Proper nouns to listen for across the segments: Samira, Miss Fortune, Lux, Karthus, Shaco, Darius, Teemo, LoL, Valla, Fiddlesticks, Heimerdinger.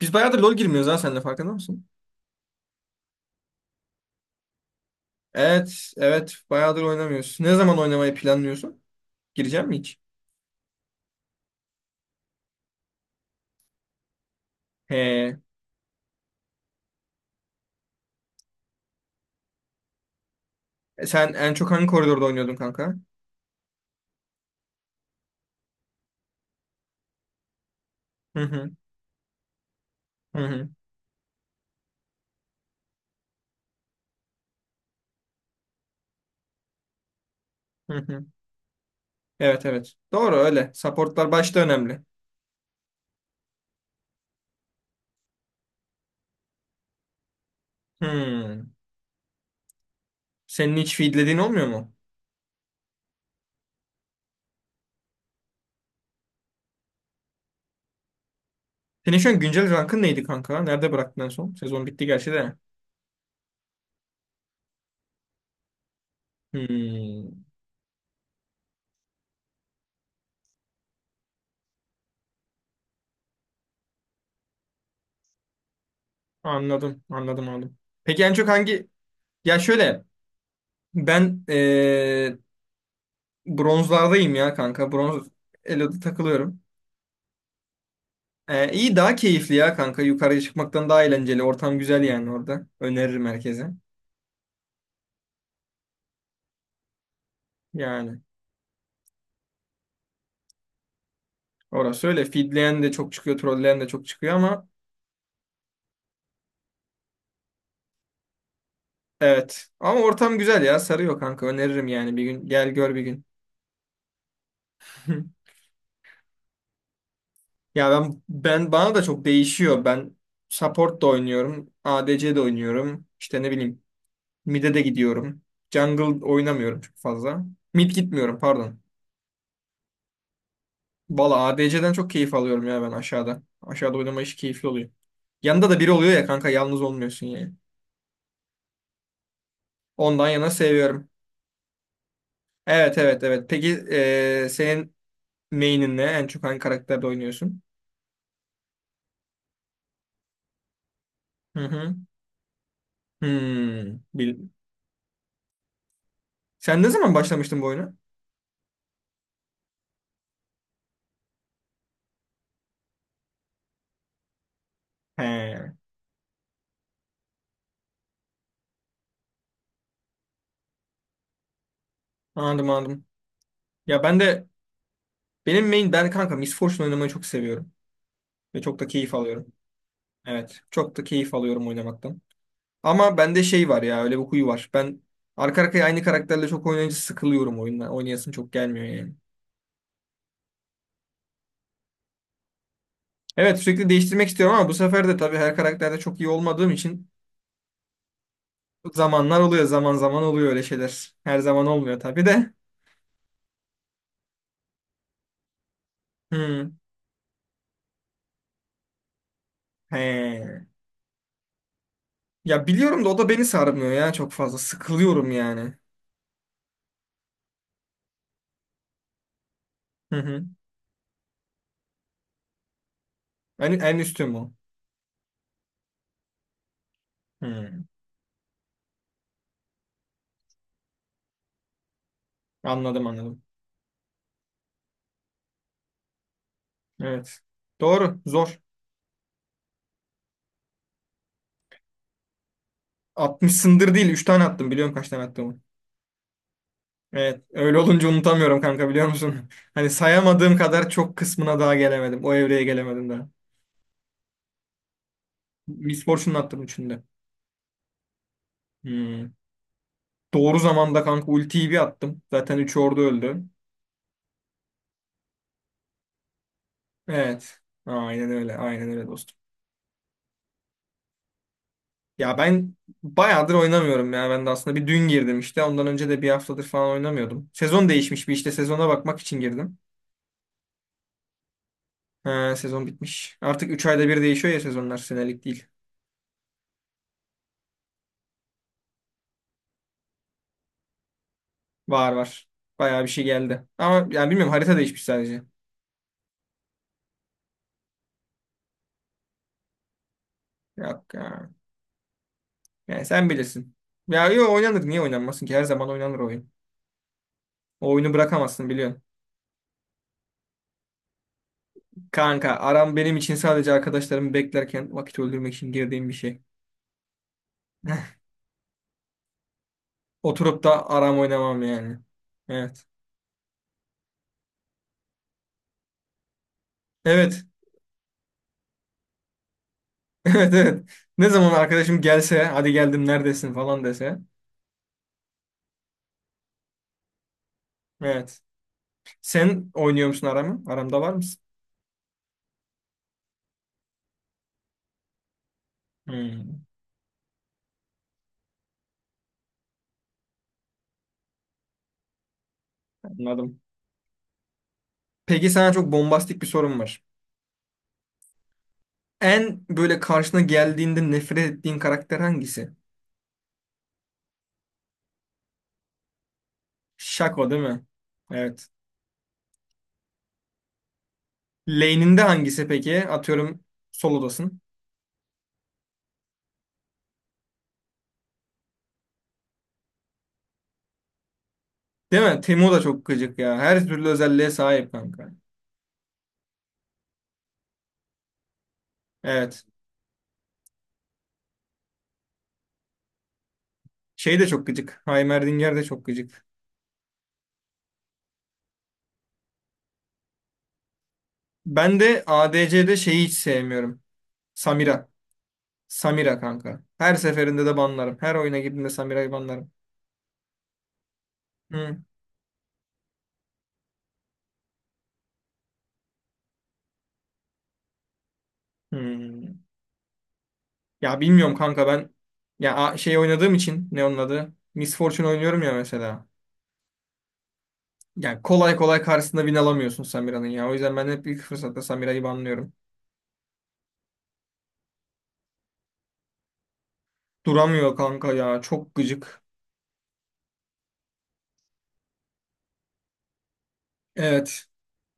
Biz bayağıdır LoL girmiyoruz ha seninle farkında mısın? Evet, evet. Bayağıdır oynamıyoruz. Ne zaman oynamayı planlıyorsun? Gireceğim mi hiç? He. Sen en çok hangi koridorda oynuyordun kanka? Hı hı, hı hı, hı hı. Evet, evet. Doğru öyle. Supportlar başta önemli. Hmm. Senin hiç feedlediğin olmuyor mu? Senin şu an güncel rankın neydi kanka? Nerede bıraktın en son? Sezon bitti gerçi de. Hmm. Anladım, anladım, anladım. Peki en çok hangi... Ya şöyle, ben bronzlardayım ya kanka. Bronz Elo'da takılıyorum. İyi daha keyifli ya kanka. Yukarıya çıkmaktan daha eğlenceli. Ortam güzel yani orada. Öneririm herkese. Yani orası öyle. Feedleyen de çok çıkıyor. Trolleyen de çok çıkıyor ama evet. Ama ortam güzel ya. Sarıyor kanka. Öneririm yani bir gün. Gel gör bir gün. Ya ben bana da çok değişiyor. Ben support da oynuyorum. ADC de oynuyorum. İşte ne bileyim. Mid'e de gidiyorum. Jungle oynamıyorum çok fazla. Mid gitmiyorum pardon. Valla ADC'den çok keyif alıyorum ya ben aşağıda. Aşağıda oynama işi keyifli oluyor. Yanında da biri oluyor ya kanka yalnız olmuyorsun yani. Ondan yana seviyorum. Evet, evet, evet. Peki senin main'in ne? En çok hangi karakterde oynuyorsun? Hı hı. Hmm. Sen ne zaman başlamıştın bu oyuna? He. Anladım, anladım. Ya ben de Benim main ben kanka Miss Fortune oynamayı çok seviyorum. Ve çok da keyif alıyorum. Evet. Çok da keyif alıyorum oynamaktan. Ama bende şey var ya, öyle bir huyu var. Ben arka arkaya aynı karakterle çok oynayınca sıkılıyorum oyundan. Oynayasım çok gelmiyor yani. Evet, sürekli değiştirmek istiyorum ama bu sefer de tabii her karakterde çok iyi olmadığım için zamanlar oluyor, zaman zaman oluyor öyle şeyler. Her zaman olmuyor tabii de. Hmm. He. Ya biliyorum da o da beni sarmıyor ya çok fazla. Sıkılıyorum yani. Hı hı. En üstü mü o? Hmm. Anladım, anladım. Evet. Doğru. Zor. 60'sındır değil. Üç tane attım. Biliyorum kaç tane attım. Evet, öyle olunca unutamıyorum kanka, biliyor musun? Hani sayamadığım kadar çok kısmına daha gelemedim. O evreye gelemedim daha. Misfortune'u attım üçünde. Hmm. Doğru zamanda kanka ultiyi bir attım. Zaten üç ordu öldü. Evet. Aynen öyle. Aynen öyle dostum. Ya ben bayağıdır oynamıyorum ya. Ben de aslında bir dün girdim işte. Ondan önce de bir haftadır falan oynamıyordum. Sezon değişmiş bir, işte sezona bakmak için girdim. Ha, sezon bitmiş. Artık 3 ayda bir değişiyor ya sezonlar. Senelik değil. Var var. Bayağı bir şey geldi. Ama yani bilmiyorum, harita değişmiş sadece. Yok ya. Yani sen bilirsin. Ya yo oynanır. Niye oynanmasın ki? Her zaman oynanır oyun. O oyunu bırakamazsın biliyorsun. Kanka aram benim için sadece arkadaşlarımı beklerken vakit öldürmek için girdiğim bir şey. Oturup da aram oynamam yani. Evet. Evet. Evet, evet. Ne zaman arkadaşım gelse hadi geldim neredesin falan dese. Evet. Sen oynuyor musun aramı? Aramda var mısın? Hmm, anladım. Peki sana çok bombastik bir sorum var. En böyle karşına geldiğinde nefret ettiğin karakter hangisi? Şako değil mi? Evet. Lane'inde hangisi peki? Atıyorum solodasın. Değil mi? Teemo da çok gıcık ya. Her türlü özelliğe sahip kanka. Evet. Şey de çok gıcık. Heimerdinger de çok gıcık. Ben de ADC'de şeyi hiç sevmiyorum. Samira. Samira kanka. Her seferinde de banlarım. Her oyuna girdiğimde Samira'yı banlarım. Hı. Hmm. Ya bilmiyorum kanka, ben şey oynadığım için, ne onun adı? Miss Fortune oynuyorum ya mesela. Yani kolay kolay karşısında win alamıyorsun Samira'nın ya. O yüzden ben hep ilk fırsatta Samira'yı banlıyorum. Duramıyor kanka ya. Çok gıcık. Evet.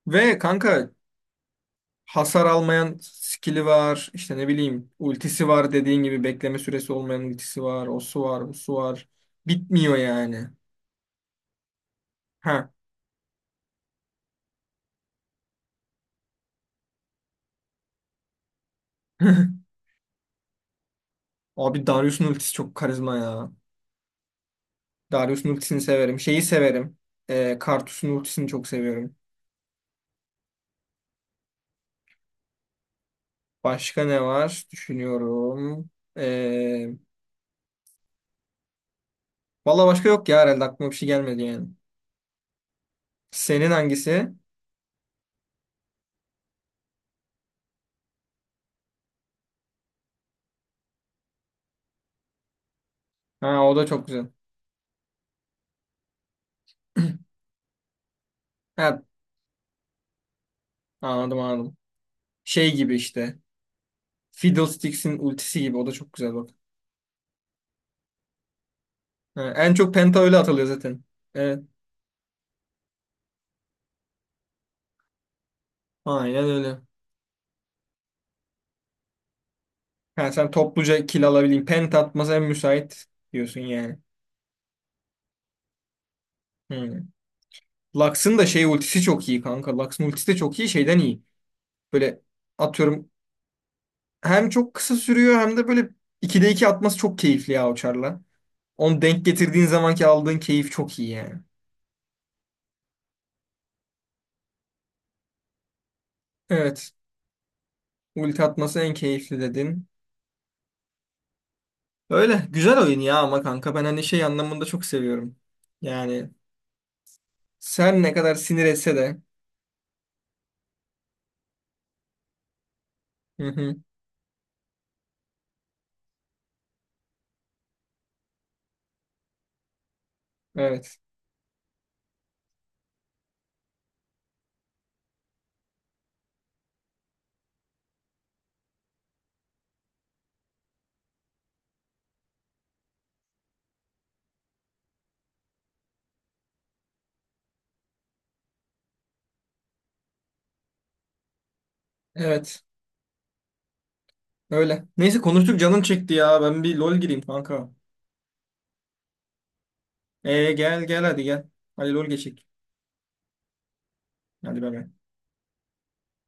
Ve kanka hasar almayan skill'i var. İşte ne bileyim, ultisi var, dediğin gibi bekleme süresi olmayan ultisi var. O su var, bu su var. Bitmiyor yani. Ha. Abi Darius'un ultisi çok karizma ya. Darius'un ultisini severim. Şeyi severim. Karthus'un ultisini çok seviyorum. Başka ne var? Düşünüyorum. Ee, Valla başka yok ya herhalde, aklıma bir şey gelmedi yani. Senin hangisi? Ha, o da çok güzel. Ha, anladım, anladım. Şey gibi işte. Fiddlesticks'in ultisi gibi, o da çok güzel bak. Ha, en çok penta öyle atılıyor zaten. Evet. Aynen öyle. Ha, sen topluca kill alabilin. Penta atması en müsait diyorsun yani. Hı. Lux'ın da şey ultisi çok iyi kanka. Lux'ın ultisi de çok iyi, şeyden iyi. Böyle atıyorum, hem çok kısa sürüyor hem de böyle 2'de 2 atması çok keyifli ya o charla. Onu denk getirdiğin zamanki aldığın keyif çok iyi yani. Evet. Ulti atması en keyifli dedin. Öyle. Güzel oyun ya ama kanka ben hani şey anlamında çok seviyorum. Yani sen ne kadar sinir etse de. Hı hı. Evet. Evet. Öyle. Neyse konuştuk, canım çekti ya. Ben bir LOL gireyim kanka. Gel gel hadi gel. Hadi LOL geçek. Hadi bay bay.